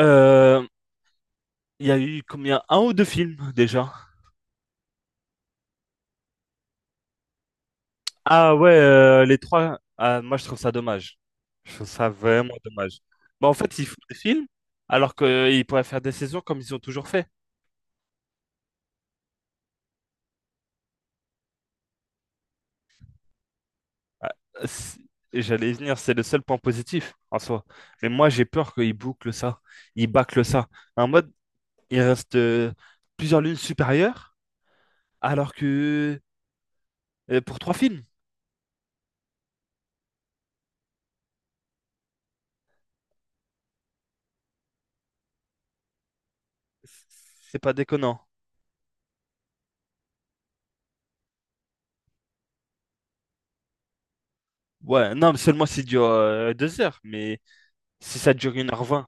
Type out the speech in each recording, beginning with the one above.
Euh, il y a eu combien? Un ou deux films déjà? Ah ouais, les trois. Ah, moi, je trouve ça dommage. Je trouve ça vraiment dommage. Bah, en fait, ils font des films alors qu'ils pourraient faire des saisons comme ils ont toujours fait. Ah, c'est- et j'allais y venir, c'est le seul point positif en soi. Mais moi, j'ai peur qu'ils bouclent ça. Ils bâclent ça. En mode, il reste plusieurs lunes supérieures, alors que pour trois films. C'est pas déconnant. Ouais, non, mais seulement c'est dure deux heures. Mais si ça dure une h 20.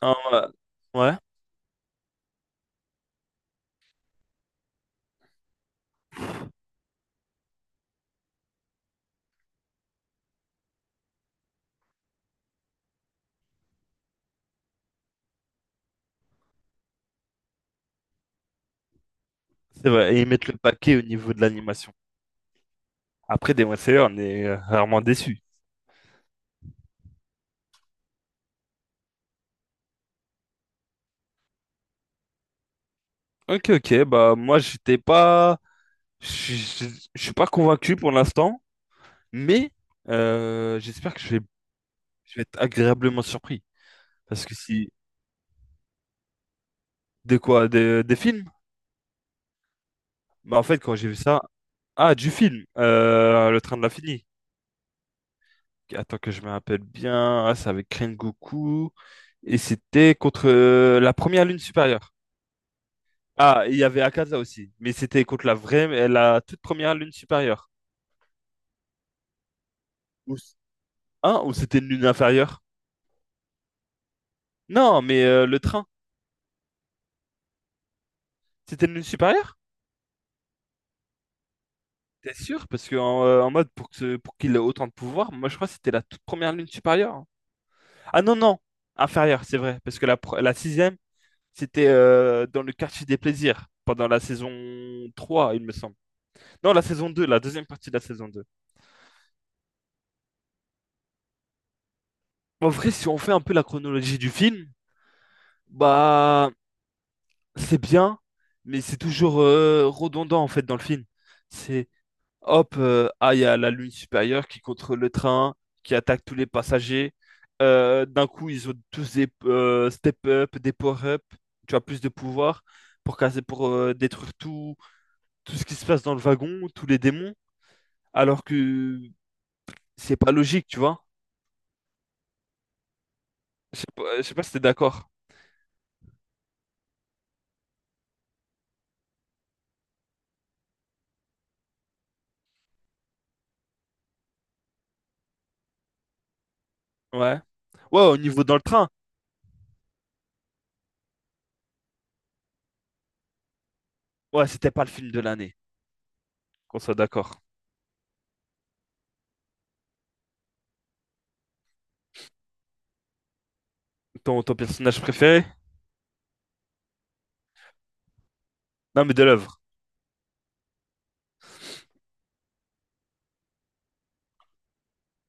Hein, ouais, ouais, c'est vrai. Et ils mettent le paquet au niveau de l'animation. Après, Demon Slayer, on est rarement déçu. Ok, ok. Bah, moi, j'étais pas. Je suis pas convaincu pour l'instant. Mais j'espère que je vais être agréablement surpris. Parce que si. De quoi? Des films? Bah, en fait, quand j'ai vu ça. Ah, du film, Le Train de l'Infini. Attends que je me rappelle bien. Ah, c'est avec Goku. Et c'était contre la première lune supérieure. Ah, il y avait Akaza aussi, mais c'était contre la vraie, la toute première lune supérieure. Ou, hein, ou c'était une lune inférieure? Non, mais le train, c'était une lune supérieure? T'es sûr? Parce que en mode pour pour qu'il ait autant de pouvoir, moi je crois que c'était la toute première lune supérieure, hein. Ah non non, inférieure, c'est vrai, parce que la sixième, c'était dans le quartier des plaisirs pendant la saison 3, il me semble. Non, la saison 2, la deuxième partie de la saison 2. En vrai, si on fait un peu la chronologie du film, bah c'est bien, mais c'est toujours redondant en fait dans le film. C'est hop, il y a la lune supérieure qui contrôle le train, qui attaque tous les passagers. D'un coup, ils ont tous des step up, des power up. Tu as plus de pouvoir pour casser, pour détruire tout, tout ce qui se passe dans le wagon, tous les démons. Alors que c'est pas logique, tu vois. Je sais pas si t'es d'accord. Ouais. Ouais, au niveau dans le train. Ouais, c'était pas le film de l'année. Qu'on soit d'accord. Ton personnage préféré? Non, mais de l'œuvre.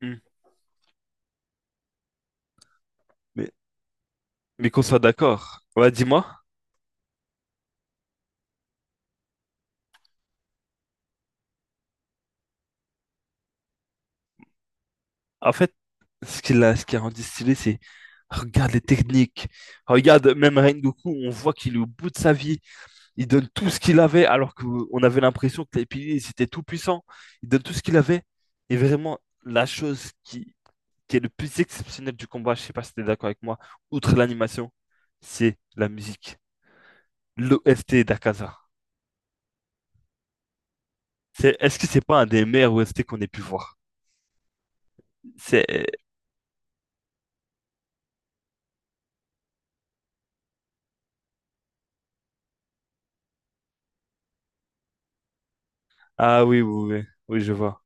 Hmm. Mais, mais qu'on soit d'accord. Ouais, dis-moi. En fait, ce qui a rendu stylé, c'est regarde les techniques. Regarde, même Rengoku, on voit qu'il est au bout de sa vie. Il donne tout ce qu'il avait, alors qu'on avait l'impression que les piliers, ils étaient tout puissants. Il donne tout ce qu'il avait. Et vraiment, la chose qui est le plus exceptionnel du combat, je sais pas si tu es d'accord avec moi, outre l'animation, c'est la musique. L'OST d'Akaza. Est-ce que c'est pas un des meilleurs OST qu'on ait pu voir? C'est, Ah oui, oui, oui, oui, je vois.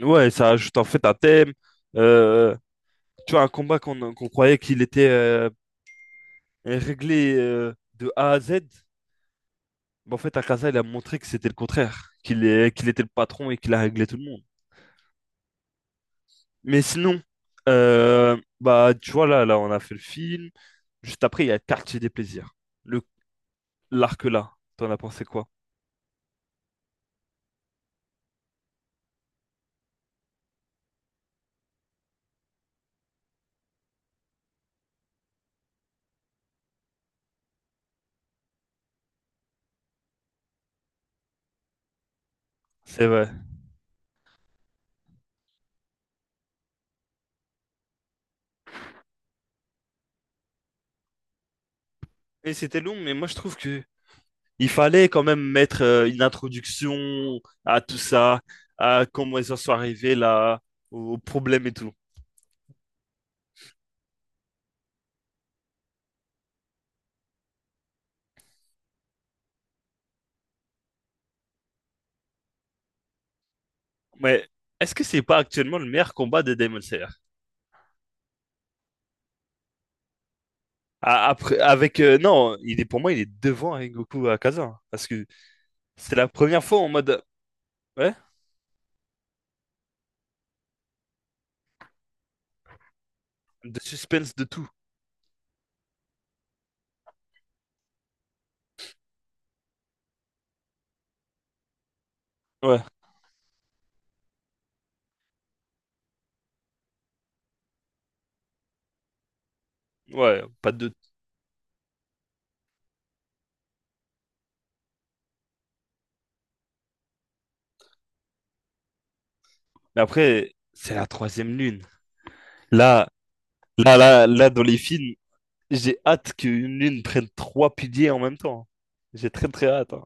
Ouais, ça ajoute en fait un thème. Euh, Tu vois, un combat qu'on croyait qu'il était réglé de A à Z. Mais en fait, Akaza, il a montré que c'était le contraire, qu'il était le patron et qu'il a réglé tout le monde. Mais sinon, bah, tu vois, on a fait le film. Juste après, il y a Quartier des plaisirs. Le, l'arc là, t'en as pensé quoi? C'est vrai. Et c'était long, mais moi, je trouve que il fallait quand même mettre une introduction à tout ça, à comment ils en sont arrivés là, aux problèmes et tout. Mais est-ce que c'est pas actuellement le meilleur combat de Demon Slayer? Après, avec non, il est pour moi, il est devant Rengoku à Kazan parce que c'est la première fois en mode ouais, de suspense de tout. Ouais, ouais, pas de. Mais après, c'est la troisième lune. Là, là, là, là, dans les films, j'ai hâte qu'une lune prenne trois piliers en même temps. J'ai très très hâte, hein.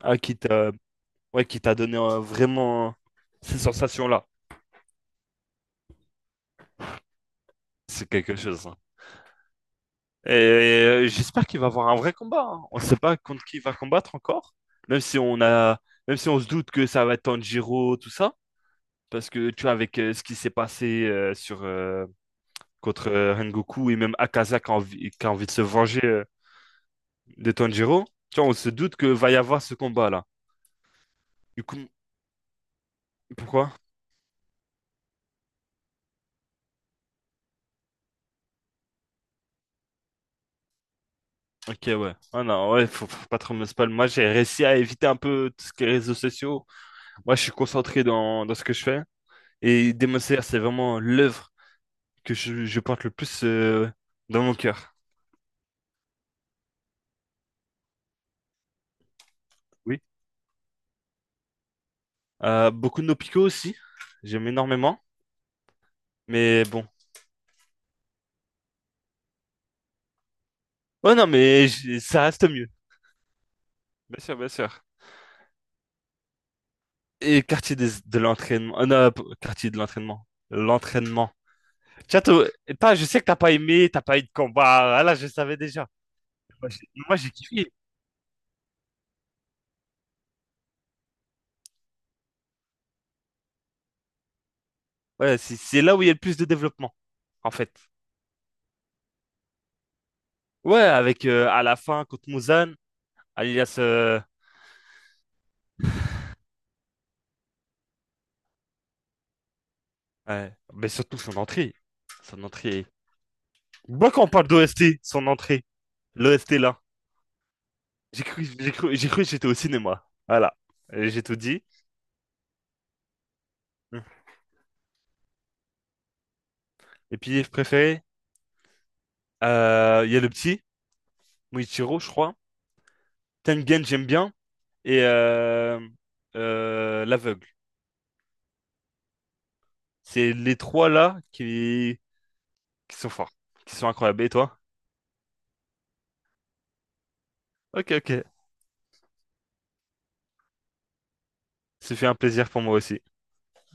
Ah, qui t'a ouais, qui t'a donné vraiment ces sensations-là. C'est quelque chose, hein. Et j'espère qu'il va avoir un vrai combat, hein. On ne sait pas contre qui il va combattre encore. Même si on a, Même si on se doute que ça va être Tanjiro, tout ça. Parce que tu vois, avec ce qui s'est passé sur contre Rengoku et même Akaza qui a envie de se venger de Tanjiro. Tu vois, on se doute que va y avoir ce combat-là. Du coup, pourquoi? Ok, ouais. Ah non, ouais, faut pas trop me spoil. Moi, j'ai réussi à éviter un peu tout ce qui est réseaux sociaux. Moi, je suis concentré dans ce que je fais. Et Demon Slayer, c'est vraiment l'œuvre que je porte le plus dans mon cœur. Oui. Beaucoup de nos picots aussi. J'aime énormément. Mais bon. Oh non, mais ça reste mieux. Bien sûr, bien sûr. Et quartier de l'entraînement. Non, quartier de l'entraînement. L'entraînement. Tiens, je sais que t'as pas aimé, t'as pas eu de combat. Ah là, je savais déjà. Moi, j'ai kiffé. Ouais, c'est là où il y a le plus de développement, en fait. Ouais, avec à la fin contre Muzan, alias. Ouais. Mais surtout son entrée. Son entrée. Moi, quand on parle d'OST, son entrée. L'OST là. J'ai cru que j'étais au cinéma. Voilà. J'ai tout dit. Et puis, je préféré. Il y a le petit, Moichiro, je crois. Tengen, j'aime bien. Et l'aveugle. C'est les trois là qui sont forts, qui sont incroyables. Et toi? Ok, ok. Ce fait un plaisir pour moi aussi.